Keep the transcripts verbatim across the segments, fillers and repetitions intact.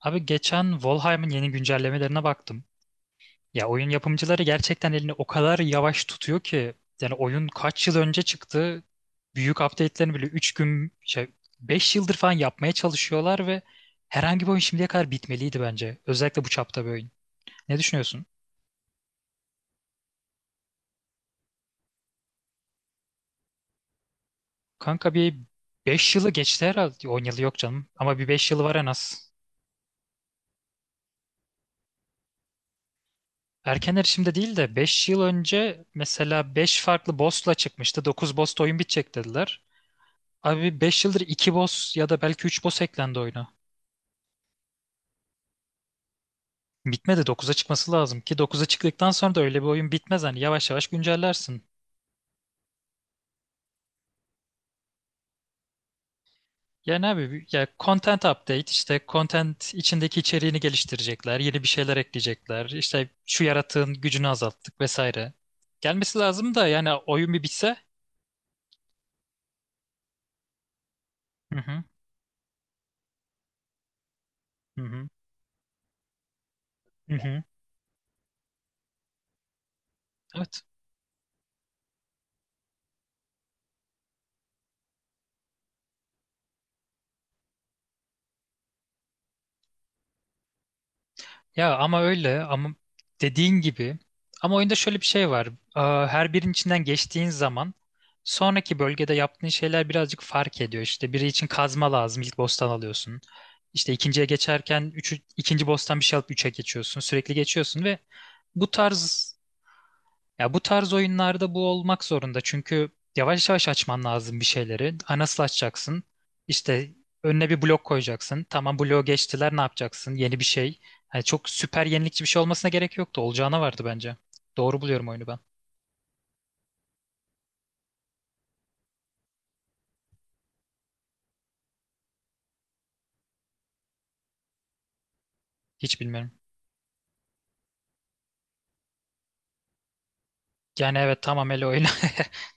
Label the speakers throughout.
Speaker 1: Abi geçen Valheim'in yeni güncellemelerine baktım. Ya oyun yapımcıları gerçekten elini o kadar yavaş tutuyor ki yani oyun kaç yıl önce çıktı. Büyük update'lerini bile üç gün şey beş yıldır falan yapmaya çalışıyorlar ve herhangi bir oyun şimdiye kadar bitmeliydi bence. Özellikle bu çapta bir oyun. Ne düşünüyorsun? Kanka bir beş yılı geçti herhalde. On yılı yok canım ama bir beş yılı var en az. Erken erişimde değil de beş yıl önce mesela beş farklı boss'la çıkmıştı. Dokuz boss'ta oyun bitecek dediler. Abi beş yıldır iki boss ya da belki üç boss eklendi oyuna. Bitmedi, dokuza çıkması lazım ki dokuza çıktıktan sonra da öyle bir oyun bitmez. Hani yavaş yavaş güncellersin. Yani abi bir- ya content update, işte content içindeki içeriğini geliştirecekler, yeni bir şeyler ekleyecekler. İşte şu yaratığın gücünü azalttık vesaire. Gelmesi lazım da yani oyun bir bitse. Hı hı, hı hı. Hı hı. Evet. Ya ama öyle, ama dediğin gibi, ama oyunda şöyle bir şey var. Aa, Her birinin içinden geçtiğin zaman sonraki bölgede yaptığın şeyler birazcık fark ediyor. İşte biri için kazma lazım, ilk boss'tan alıyorsun. İşte ikinciye geçerken üçü, ikinci boss'tan bir şey alıp üçe geçiyorsun. Sürekli geçiyorsun ve bu tarz ya bu tarz oyunlarda bu olmak zorunda. Çünkü yavaş yavaş açman lazım bir şeyleri. Ha, nasıl açacaksın? İşte önüne bir blok koyacaksın. Tamam, bloğu geçtiler, ne yapacaksın? Yeni bir şey. Yani çok süper yenilikçi bir şey olmasına gerek yoktu. Olacağına vardı bence. Doğru buluyorum oyunu ben. Hiç bilmiyorum. Yani evet, tamam, öyle oyun.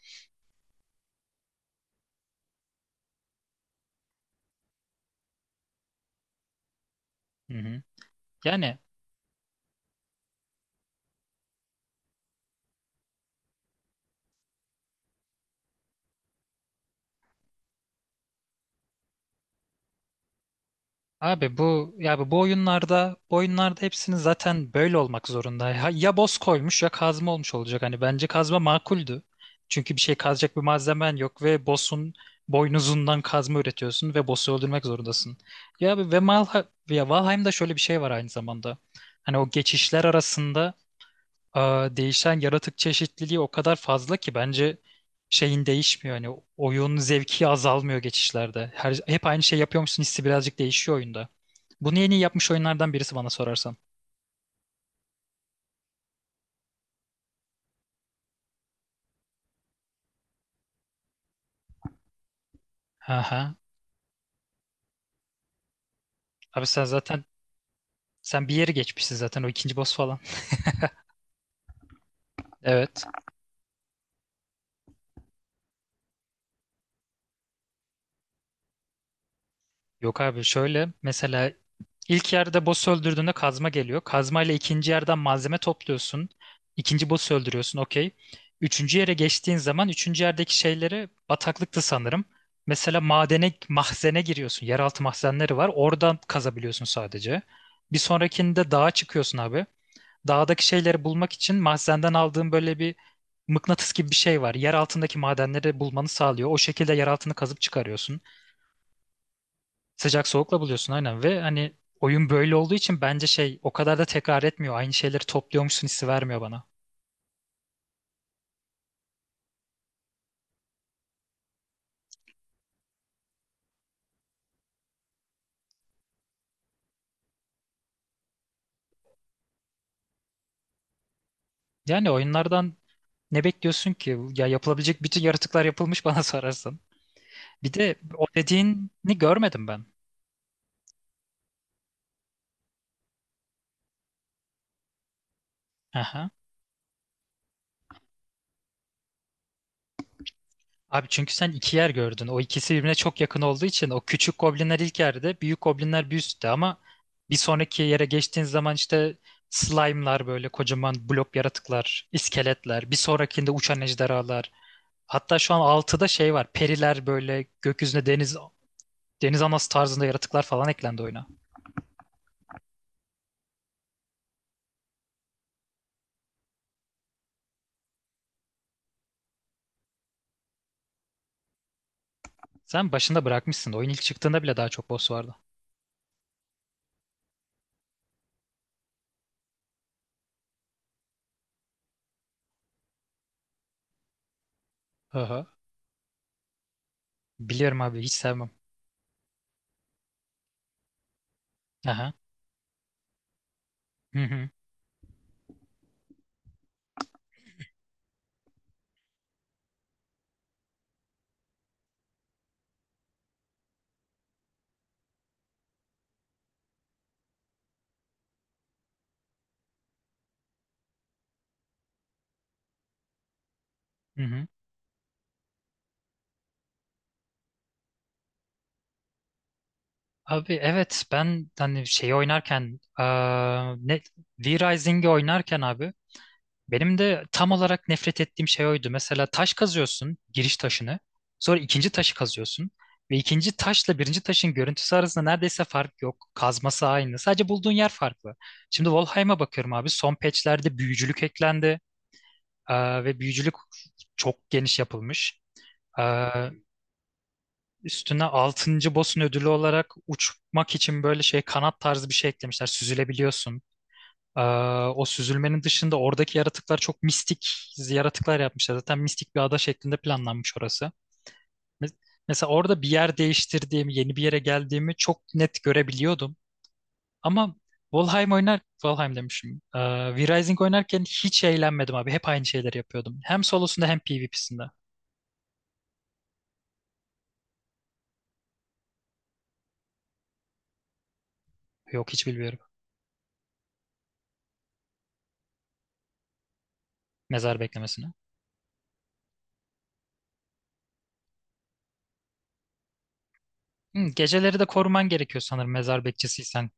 Speaker 1: Hı hı. Yani abi, bu ya bu oyunlarda bu oyunlarda hepsinin zaten böyle olmak zorunda. Ya, ya boss koymuş ya kazma olmuş olacak. Hani bence kazma makuldü. Çünkü bir şey kazacak bir malzemen yok ve boss'un boynuzundan kazma üretiyorsun ve boss'u öldürmek zorundasın. Ya abi ve Valha- ya Valheim'da şöyle bir şey var aynı zamanda. Hani o geçişler arasında Aa, değişen yaratık çeşitliliği o kadar fazla ki bence şeyin değişmiyor. Hani oyun zevki azalmıyor geçişlerde. Her, hep aynı şey yapıyormuşsun hissi birazcık değişiyor oyunda. Bunu en iyi yapmış oyunlardan birisi bana sorarsan. Aha. Abi sen zaten sen bir yeri geçmişsin zaten, o ikinci boss falan. Evet. Yok abi, şöyle mesela: İlk yerde boss öldürdüğünde kazma geliyor. Kazma ile ikinci yerden malzeme topluyorsun. İkinci boss'u öldürüyorsun, okey. Üçüncü yere geçtiğin zaman üçüncü yerdeki şeyleri, bataklıktı sanırım. Mesela madene, mahzene giriyorsun. Yeraltı mahzenleri var. Oradan kazabiliyorsun sadece. Bir sonrakinde dağa çıkıyorsun abi. Dağdaki şeyleri bulmak için mahzenden aldığın böyle bir mıknatıs gibi bir şey var. Yer altındaki madenleri bulmanı sağlıyor. O şekilde yer altını kazıp çıkarıyorsun. Sıcak soğukla buluyorsun aynen ve hani oyun böyle olduğu için bence şey o kadar da tekrar etmiyor. Aynı şeyleri topluyormuşsun hissi vermiyor bana. Yani oyunlardan ne bekliyorsun ki? Ya yapılabilecek bütün yaratıklar yapılmış bana sorarsan. Bir de o dediğini görmedim ben. Aha. Abi çünkü sen iki yer gördün. O ikisi birbirine çok yakın olduğu için o küçük goblinler ilk yerde, büyük goblinler bir üstte ama bir sonraki yere geçtiğin zaman işte slime'lar böyle kocaman blok yaratıklar, iskeletler, bir sonrakinde uçan ejderhalar. Hatta şu an altıda şey var. Periler böyle gökyüzüne, deniz deniz anası tarzında yaratıklar falan eklendi oyuna. Sen başında bırakmışsın. Oyun ilk çıktığında bile daha çok boss vardı. Aha. Biliyorum abi, hiç sevmem. Aha. Hı hı. Hı hı. Abi evet, ben hani şeyi oynarken eee, ne V-Rising'i oynarken abi, benim de tam olarak nefret ettiğim şey oydu. Mesela taş kazıyorsun, giriş taşını. Sonra ikinci taşı kazıyorsun. Ve ikinci taşla birinci taşın görüntüsü arasında neredeyse fark yok. Kazması aynı. Sadece bulduğun yer farklı. Şimdi Valheim'a bakıyorum abi. Son patchlerde büyücülük eklendi. Ee, ve büyücülük çok geniş yapılmış. Ee, Üstüne altıncı boss'un ödülü olarak uçmak için böyle şey kanat tarzı bir şey eklemişler. Süzülebiliyorsun. Ee, O süzülmenin dışında oradaki yaratıklar çok mistik yaratıklar yapmışlar. Zaten mistik bir ada şeklinde planlanmış orası. Mes- Mesela orada bir yer değiştirdiğimi, yeni bir yere geldiğimi çok net görebiliyordum. Ama Valheim oynar, Valheim demişim. Ee, V-Rising oynarken hiç eğlenmedim abi. Hep aynı şeyleri yapıyordum. Hem solosunda hem PvP'sinde. Yok, hiç bilmiyorum. Mezar beklemesine. Hı, geceleri de koruman gerekiyor sanırım mezar bekçisiysen.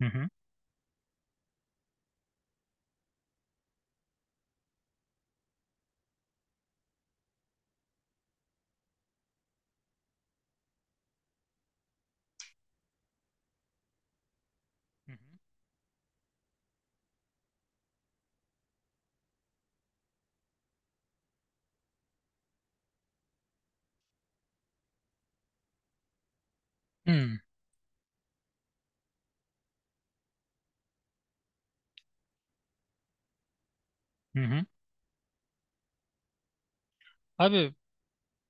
Speaker 1: Hı hı. Hı hı. Hı hı. Abi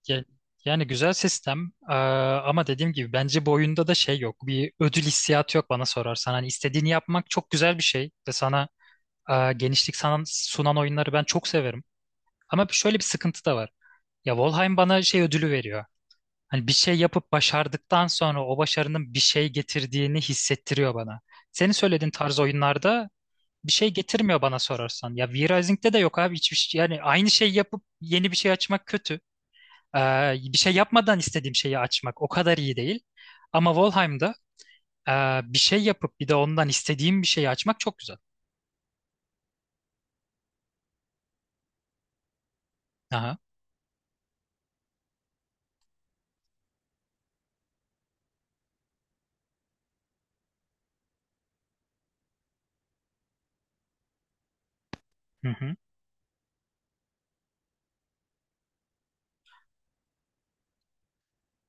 Speaker 1: Ya- Yani güzel sistem, Ee, ama dediğim gibi bence bu oyunda da şey yok. Bir ödül hissiyatı yok bana sorarsan. Hani istediğini yapmak çok güzel bir şey ve sana e, genişlik sanan, sunan oyunları ben çok severim. Ama bir- şöyle bir sıkıntı da var. Ya Valheim bana şey ödülü veriyor. Hani bir şey yapıp başardıktan sonra o başarının bir şey getirdiğini hissettiriyor bana. Senin söylediğin tarz oyunlarda bir şey getirmiyor bana sorarsan. Ya V-Rising'de de yok abi, hiçbir şey. Yani aynı şey yapıp yeni bir şey açmak kötü. Ee, bir şey yapmadan istediğim şeyi açmak o kadar iyi değil. Ama Valheim'da e, bir şey yapıp bir de ondan istediğim bir şeyi açmak çok güzel. Aha. Hı hı.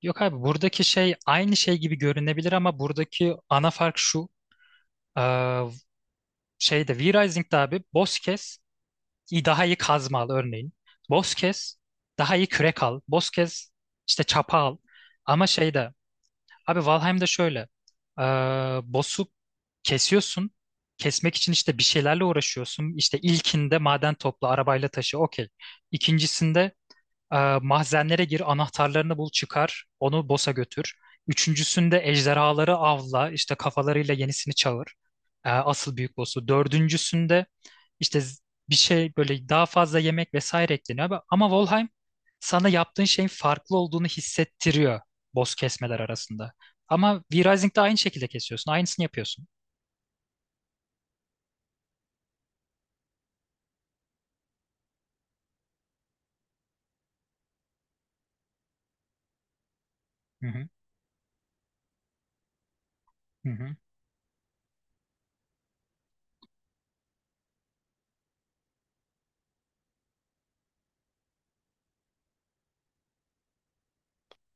Speaker 1: Yok abi, buradaki şey aynı şey gibi görünebilir ama buradaki ana fark şu. E, şeyde V-Rising'de abi, boss kes iyi- daha iyi kazma al örneğin. Boss kes, daha iyi kürek al. Boss kes, işte çapa al. Ama şeyde abi, Valheim'de şöyle. Ee, boss'u kesiyorsun. Kesmek için işte bir şeylerle uğraşıyorsun. İşte ilkinde maden topla, arabayla taşı, okey. İkincisinde ee, mahzenlere gir, anahtarlarını bul, çıkar, onu boss'a götür. Üçüncüsünde ejderhaları avla, işte kafalarıyla yenisini çağır. Ee, asıl büyük boss'u. Dördüncüsünde işte z- bir şey, böyle daha fazla yemek vesaire ekleniyor. Ama ama Valheim sana yaptığın şeyin farklı olduğunu hissettiriyor boss kesmeler arasında. Ama V-Rising'de aynı şekilde kesiyorsun. Aynısını yapıyorsun. Hı hı, hı hı.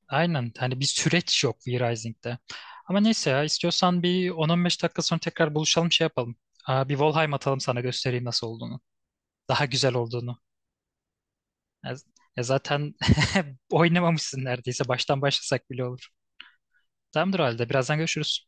Speaker 1: Aynen. Hani bir süreç yok V-Rising'de. Ama neyse, ya istiyorsan bir on on beş dakika dakika sonra tekrar buluşalım, şey yapalım. Aa, bir Valheim atalım, sana göstereyim nasıl olduğunu. Daha güzel olduğunu. Ya, ya zaten oynamamışsın neredeyse. Baştan başlasak bile olur. Tamamdır o halde. Birazdan görüşürüz.